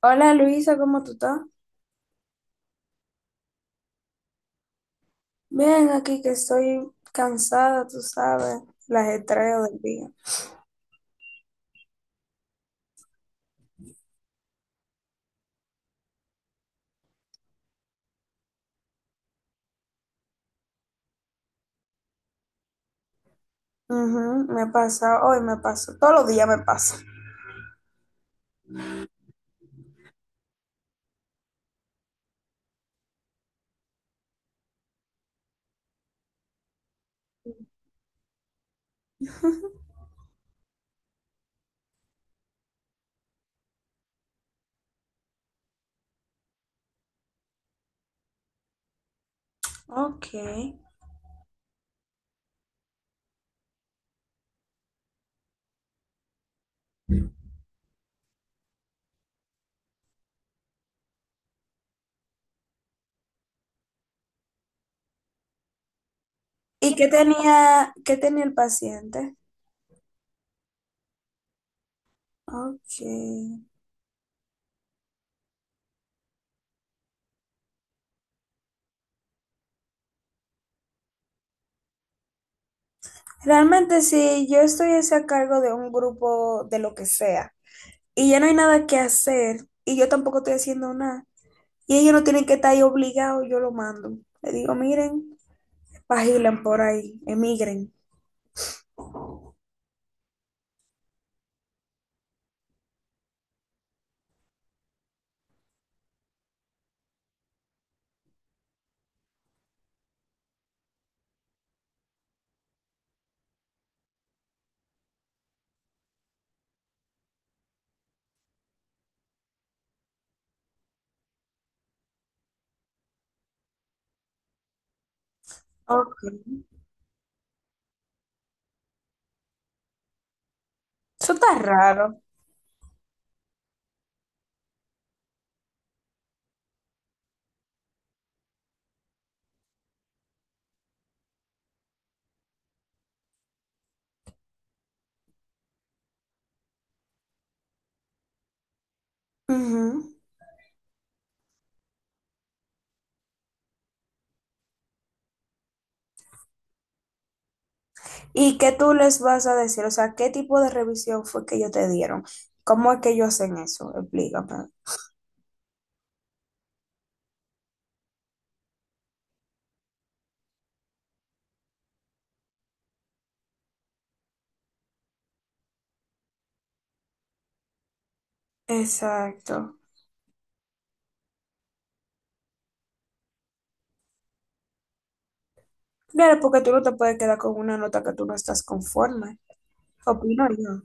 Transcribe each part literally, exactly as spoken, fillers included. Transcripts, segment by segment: Hola Luisa, ¿cómo tú estás? Bien, aquí que estoy cansada, tú sabes, el ajetreo del día. Ujú, me pasa, hoy me pasa, todos los días me pasa. Ok. ¿Y qué tenía, qué tenía el paciente? Ok. Realmente si yo estuviese a cargo de un grupo de lo que sea y ya no hay nada que hacer y yo tampoco estoy haciendo nada y ellos no tienen que estar ahí obligados, yo lo mando. Le digo, miren, pagilen por ahí, emigren. Ok. Eso está raro. Ujú. ¿Y qué tú les vas a decir? O sea, ¿qué tipo de revisión fue que ellos te dieron? ¿Cómo es que ellos hacen eso? Explícame. Exacto. Claro, porque tú no te puedes quedar con una nota que tú no estás conforme. Opino yo.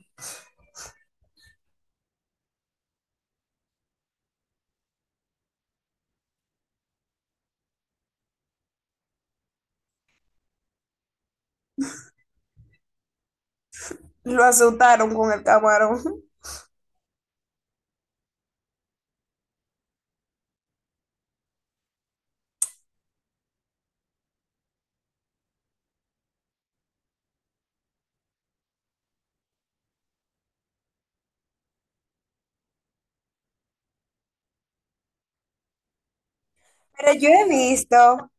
Lo asustaron con el camarón. Pero yo he visto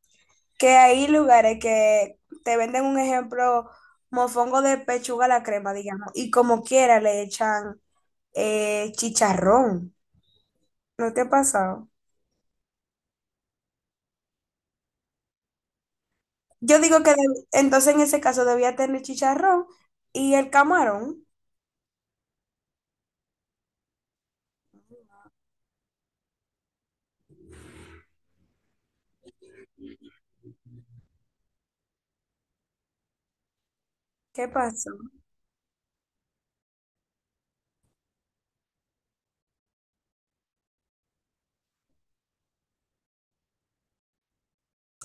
que hay lugares que te venden un ejemplo, mofongo de pechuga a la crema, digamos, y como quiera le echan eh, chicharrón. ¿No te ha pasado? Yo digo que deb- entonces en ese caso debía tener chicharrón y el camarón. ¿Qué pasó?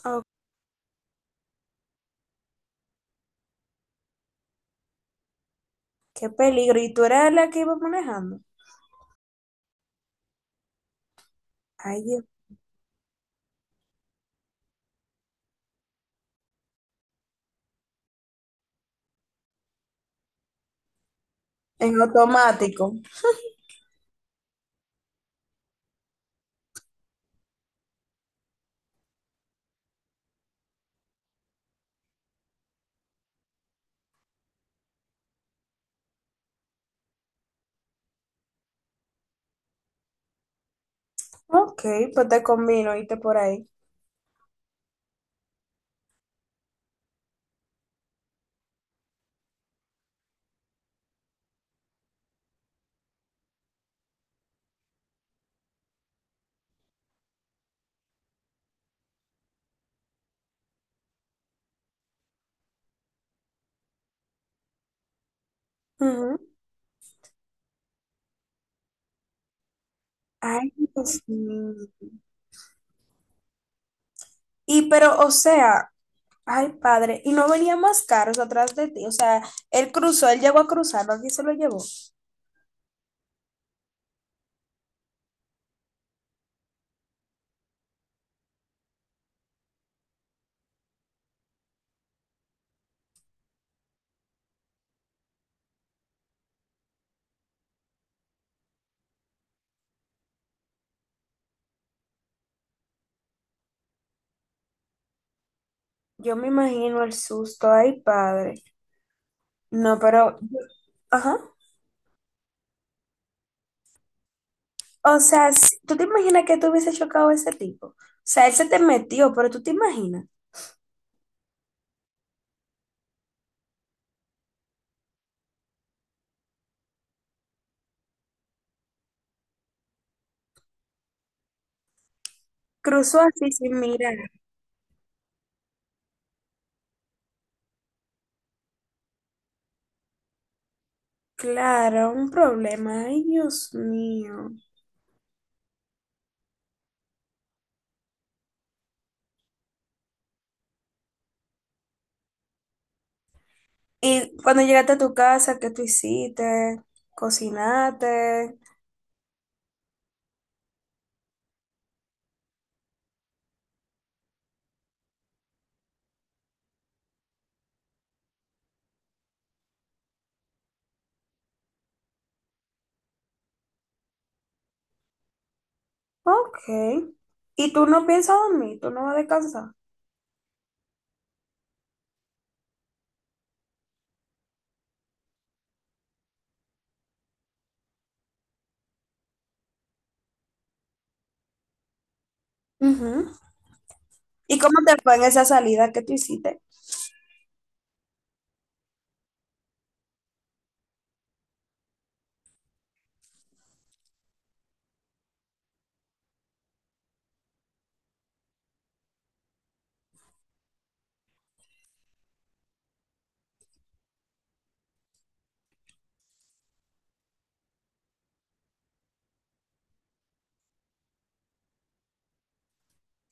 Oh, qué peligro. ¿Y tú eras la que iba manejando? Ay, Dios. En automático. Ok, pues te combino, irte por ahí. Ujú. Ay, Dios mío. Y pero, o sea, ay, padre, y no venía más caros atrás de ti. O sea, él cruzó, él llegó a cruzar, ¿no? ¿Quién se lo llevó? Yo me imagino el susto, ay, padre. No, pero, ajá. O sea, si- ¿tú te imaginas que tú hubiese chocado a ese tipo? O sea, él se te metió, pero tú te imaginas. Cruzó así sin mirar. Claro, un problema. Ay, Dios mío. Y cuando llegaste a tu casa, ¿qué tú hiciste? Cocinaste. Ok. ¿Y tú no piensas dormir? ¿Tú no vas a descansar? Ujú. ¿Y cómo te fue en esa salida que tú hiciste?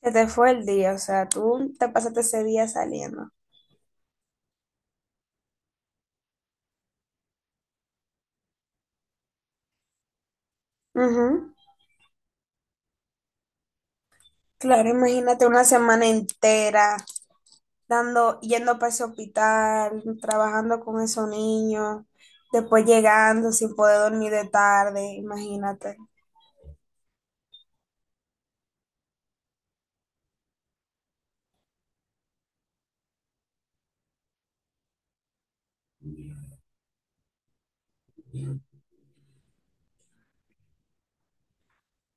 Se te fue el día, o sea, tú te pasaste ese día saliendo. Ujú. Claro, imagínate una semana entera dando, yendo para ese hospital, trabajando con esos niños, después llegando sin poder dormir de tarde, imagínate.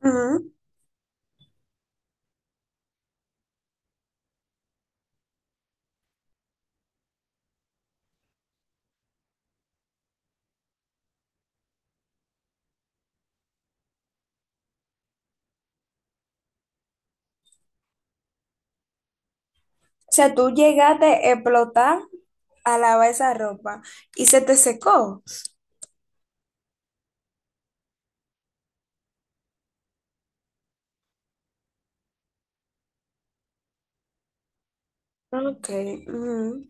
Ujú. O sea, tú llegaste a explotar a lavar esa ropa y se te secó. Ok. Ujú.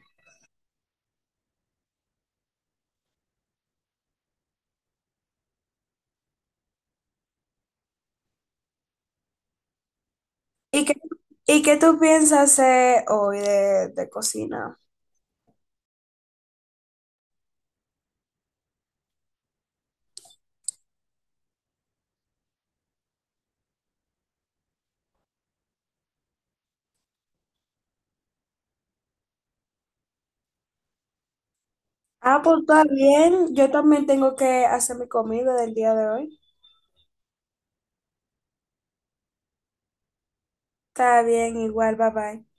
¿Y qué, y qué tú piensas hacer hoy de, de cocina? Ah, pues está bien. Yo también tengo que hacer mi comida del día de hoy. Está bien, igual, bye bye.